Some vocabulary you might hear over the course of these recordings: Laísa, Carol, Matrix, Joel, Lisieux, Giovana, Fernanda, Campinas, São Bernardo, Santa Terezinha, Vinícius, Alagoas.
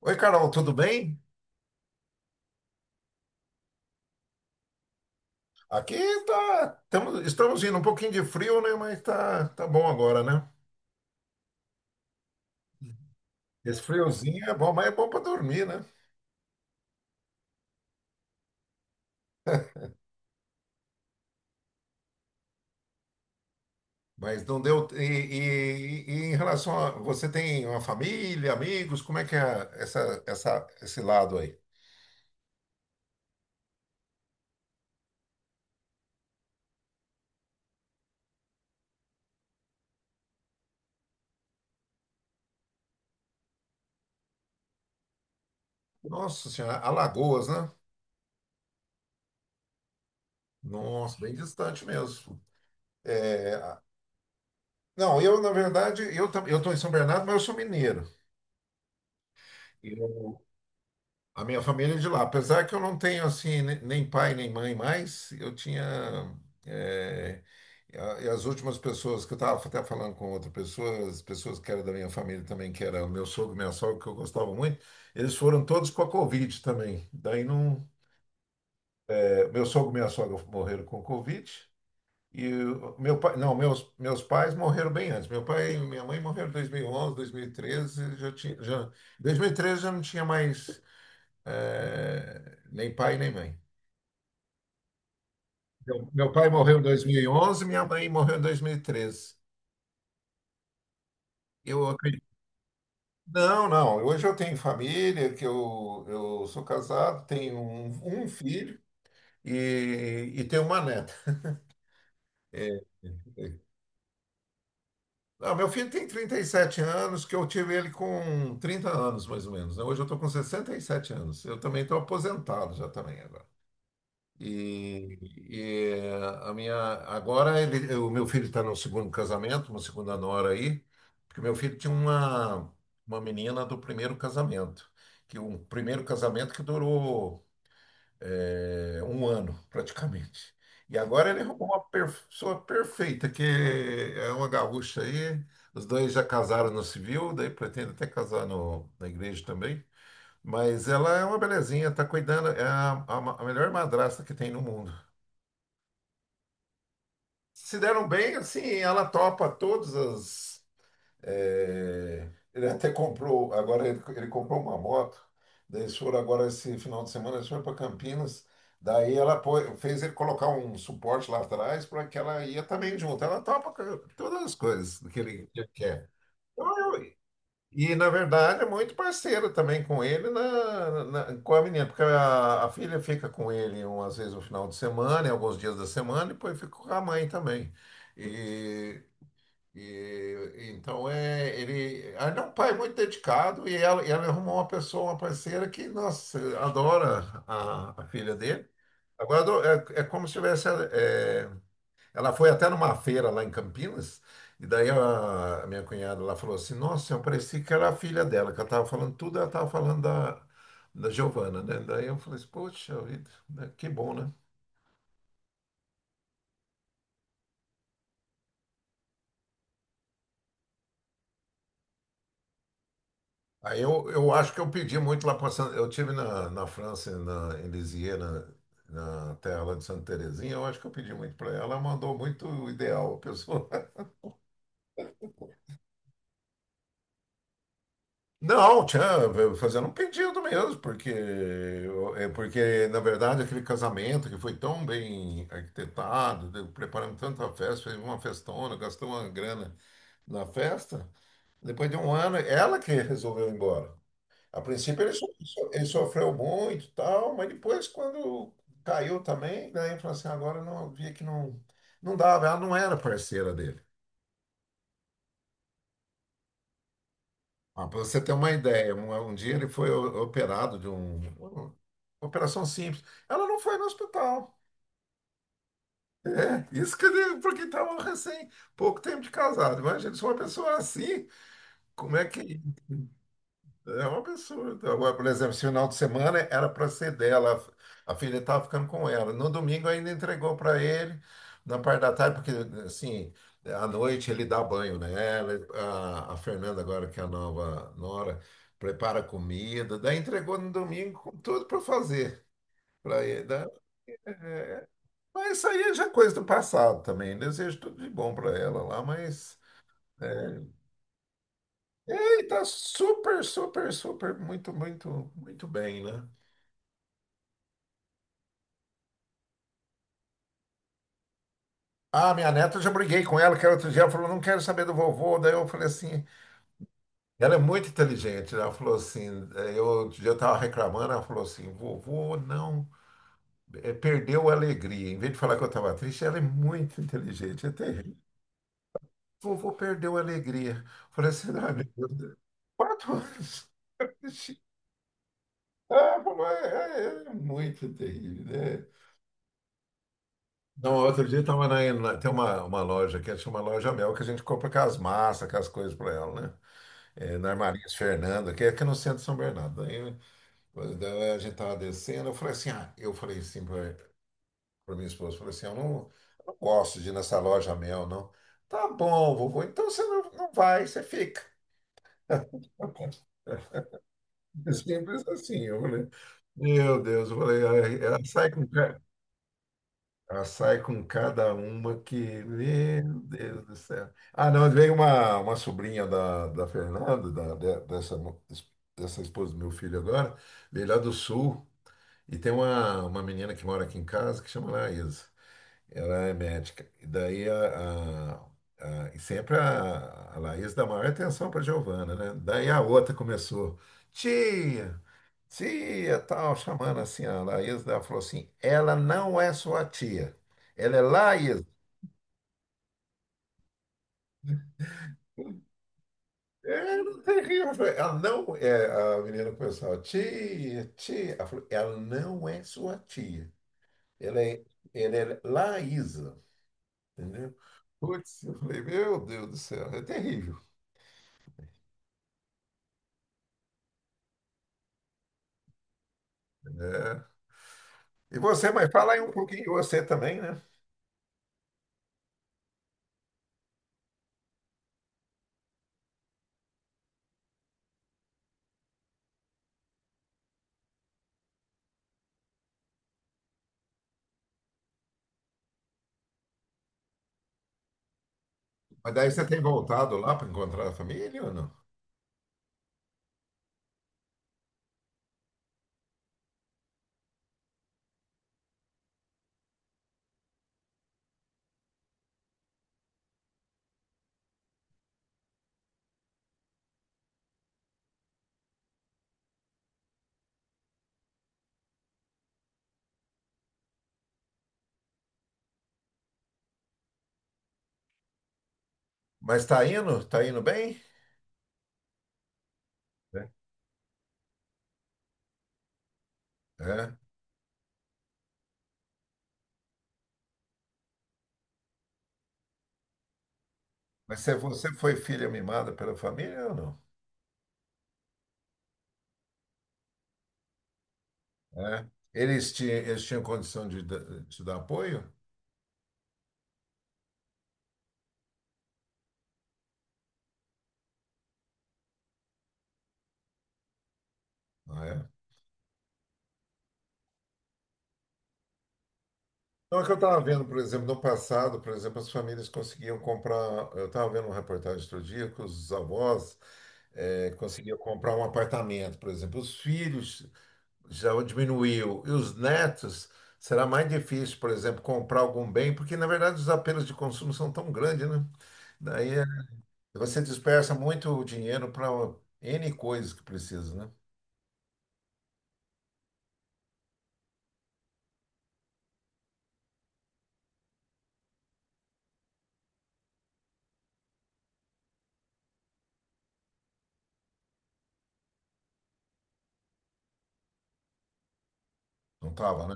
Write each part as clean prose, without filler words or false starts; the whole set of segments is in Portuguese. Oi, Carol, tudo bem? Aqui tá, estamos indo um pouquinho de frio, né? Mas tá bom agora, né? Esse friozinho é bom, mas é bom para dormir, né? Mas não deu. E em relação a você tem uma família, amigos, como é que é esse lado aí? Nossa Senhora, Alagoas, né? Nossa, bem distante mesmo. É, não, eu na verdade eu estou em São Bernardo, mas eu sou mineiro. A minha família é de lá. Apesar que eu não tenho assim nem pai nem mãe mais, eu tinha. eh, e as últimas pessoas que eu estava até falando com outra pessoa, as pessoas que eram da minha família também, que era o meu sogro, minha sogra, que eu gostava muito, eles foram todos com a Covid também. Daí não. Meu sogro e minha sogra morreram com Covid. E o meu pai, não, meus pais morreram bem antes. Meu pai e minha mãe morreram em 2011, 2013, já tinha, já, 2013 já não tinha mais é, nem pai, nem mãe. Meu pai morreu em 2011, minha mãe morreu em 2013. Eu acredito. Não, não. Hoje eu tenho família, que eu sou casado, tenho um filho e tenho uma neta. Não, meu filho tem 37 anos, que eu tive ele com 30 anos, mais ou menos, né? Hoje eu estou com 67 anos. Eu também estou aposentado já também agora. E, e a minha agora ele, o meu filho está no segundo casamento, uma segunda nora aí, porque meu filho tinha uma menina do primeiro casamento, que um primeiro casamento que durou é, um ano praticamente. E agora ele arrumou uma pessoa perfeita, que é uma gaúcha aí. Os dois já casaram no civil, daí pretende até casar no, na igreja também. Mas ela é uma belezinha, tá cuidando, é a melhor madrasta que tem no mundo. Se deram bem, assim, ela topa todas as. É, ele até comprou, agora ele comprou uma moto, daí eles foram agora esse final de semana, eles foram para Campinas, daí ela fez ele colocar um suporte lá atrás para que ela ia também junto. Ela topa todas as coisas que ele quer. Então, e, na verdade, é muito parceiro também com ele, com a menina, porque a filha fica com ele umas vezes no final de semana, em alguns dias da semana, e depois fica com a mãe também. E, então, é, ele, ah, ele é um pai muito dedicado e ela arrumou uma pessoa, uma parceira que, nossa, adora a filha dele. Agora, é como se tivesse. Ela foi até numa feira lá em Campinas, e daí a minha cunhada lá falou assim: Nossa, eu parecia que era a filha dela, que ela estava falando tudo, ela estava falando da, Giovana, né? Daí eu falei assim: Poxa vida, né? Que bom, né? Aí eu acho que eu pedi muito lá para Santa. Eu tive na França, em Lisieux, na terra lá de Santa Terezinha, eu acho que eu pedi muito para ela, ela mandou muito o ideal, a pessoa. Não, tinha fazendo um pedido mesmo, porque é porque na verdade aquele casamento que foi tão bem arquitetado, preparamos tanta festa, fez uma festona, gastou uma grana na festa. Depois de um ano, ela que resolveu ir embora. A princípio ele, ele sofreu muito, e tal, mas depois quando caiu também, daí ele falou assim, agora eu não via que não não dava, ela não era parceira dele. Ah, para você ter uma ideia, um dia ele foi operado de uma operação simples. Ela não foi no hospital. É, isso que ele, porque estava recém, pouco tempo de casado. Imagina, se uma pessoa assim, como é que É um absurdo. Agora, por exemplo, esse final de semana era para ser dela, a filha estava ficando com ela. No domingo ainda entregou para ele, na parte da tarde, porque assim, à noite ele dá banho nela, a Fernanda agora, que é a nova nora, prepara comida, daí entregou no domingo com tudo para fazer para ele, né? Mas isso aí já é coisa do passado também. Desejo tudo de bom para ela lá, mas é, ele tá super, super, super, muito, muito, muito bem, né? Ah, minha neta, eu já briguei com ela, que era outro dia, ela falou, não quero saber do vovô. Daí eu falei assim, ela é muito inteligente, né? Ela falou assim, outro dia eu estava reclamando, ela falou assim, vovô não, perdeu a alegria. Em vez de falar que eu estava triste, ela é muito inteligente. Até vovô perdeu a alegria. Eu falei assim, ah, meu Deus, 4 anos. Ah, falou, é, é, é muito terrível, né? Não, outro dia tava tem uma loja que é uma loja Mel que a gente compra aquelas massas, aquelas coisas para ela, né? É, na Armarias Fernando, que é aqui no centro de São Bernardo. Daí, daí a gente estava descendo, eu falei assim, ah, eu falei assim para minha esposa, eu falei assim, eu não gosto de ir nessa loja Mel, não. Tá bom, vovô, então você não, não vai, você fica. Simples assim, eu falei, meu Deus, eu falei: "Ai, ela sai com, ela sai com cada uma que, meu Deus do céu." Ah, não, veio uma sobrinha da Fernanda, da, de- dessa, mo- dessa esposa do meu filho agora, veio lá do sul, e tem uma menina que mora aqui em casa que chama Laísa. Ela é médica. E daí e sempre a Laís dá maior atenção para Giovana, né? Daí a outra começou. Tia! Tia, tal, chamando assim, a Laís, ela falou assim, ela não é sua tia, ela é Laís. É, não tem rio, eu falei, ela não é, a menina começou, tia, tia, ela falou, ela não é sua tia, ela é, ela é Laísa, entendeu? Putz, eu falei, meu Deus do céu, é terrível. É. E você, mas fala aí um pouquinho de você também, né? Mas daí você tem voltado lá para encontrar a família ou não? Mas tá indo bem? É. É. Mas se você foi filha mimada pela família ou não? É. Eles tinham condição de te dar apoio? Não é? Então, é que eu estava vendo, por exemplo, no passado, por exemplo, as famílias conseguiam comprar. Eu estava vendo uma reportagem outro dia que os avós conseguiam comprar um apartamento, por exemplo. Os filhos já diminuiu. E os netos, será mais difícil, por exemplo, comprar algum bem, porque, na verdade, os apelos de consumo são tão grandes, né? Daí você dispersa muito dinheiro para N coisas que precisa, né? Não tava, né?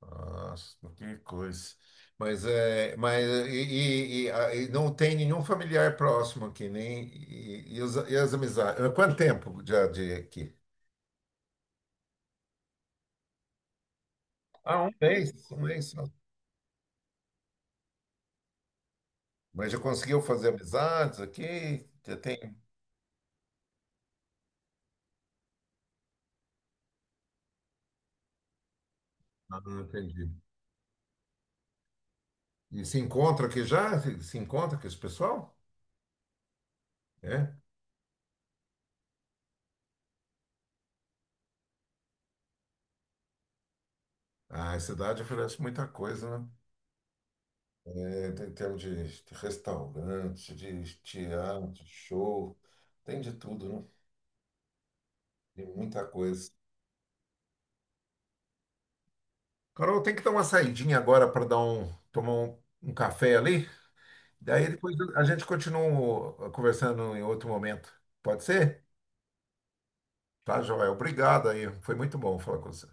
Nossa, que coisa. Mas é, mas e, não tem nenhum familiar próximo aqui, nem e as amizades. Há quanto tempo já de aqui? Ah, um mês só. Mas já conseguiu fazer amizades aqui? Já tem? Ah, entendi. E se encontra aqui já? Se encontra com esse pessoal? É? Ah, a cidade oferece muita coisa, né? Em termos de restaurante, de teatro, de show, tem de tudo, né? Tem muita coisa. Carol, tem que dar uma saidinha agora para dar um, tomar um, um café ali. Daí depois a gente continua conversando em outro momento. Pode ser? Tá, Joel. Obrigado aí. Foi muito bom falar com você.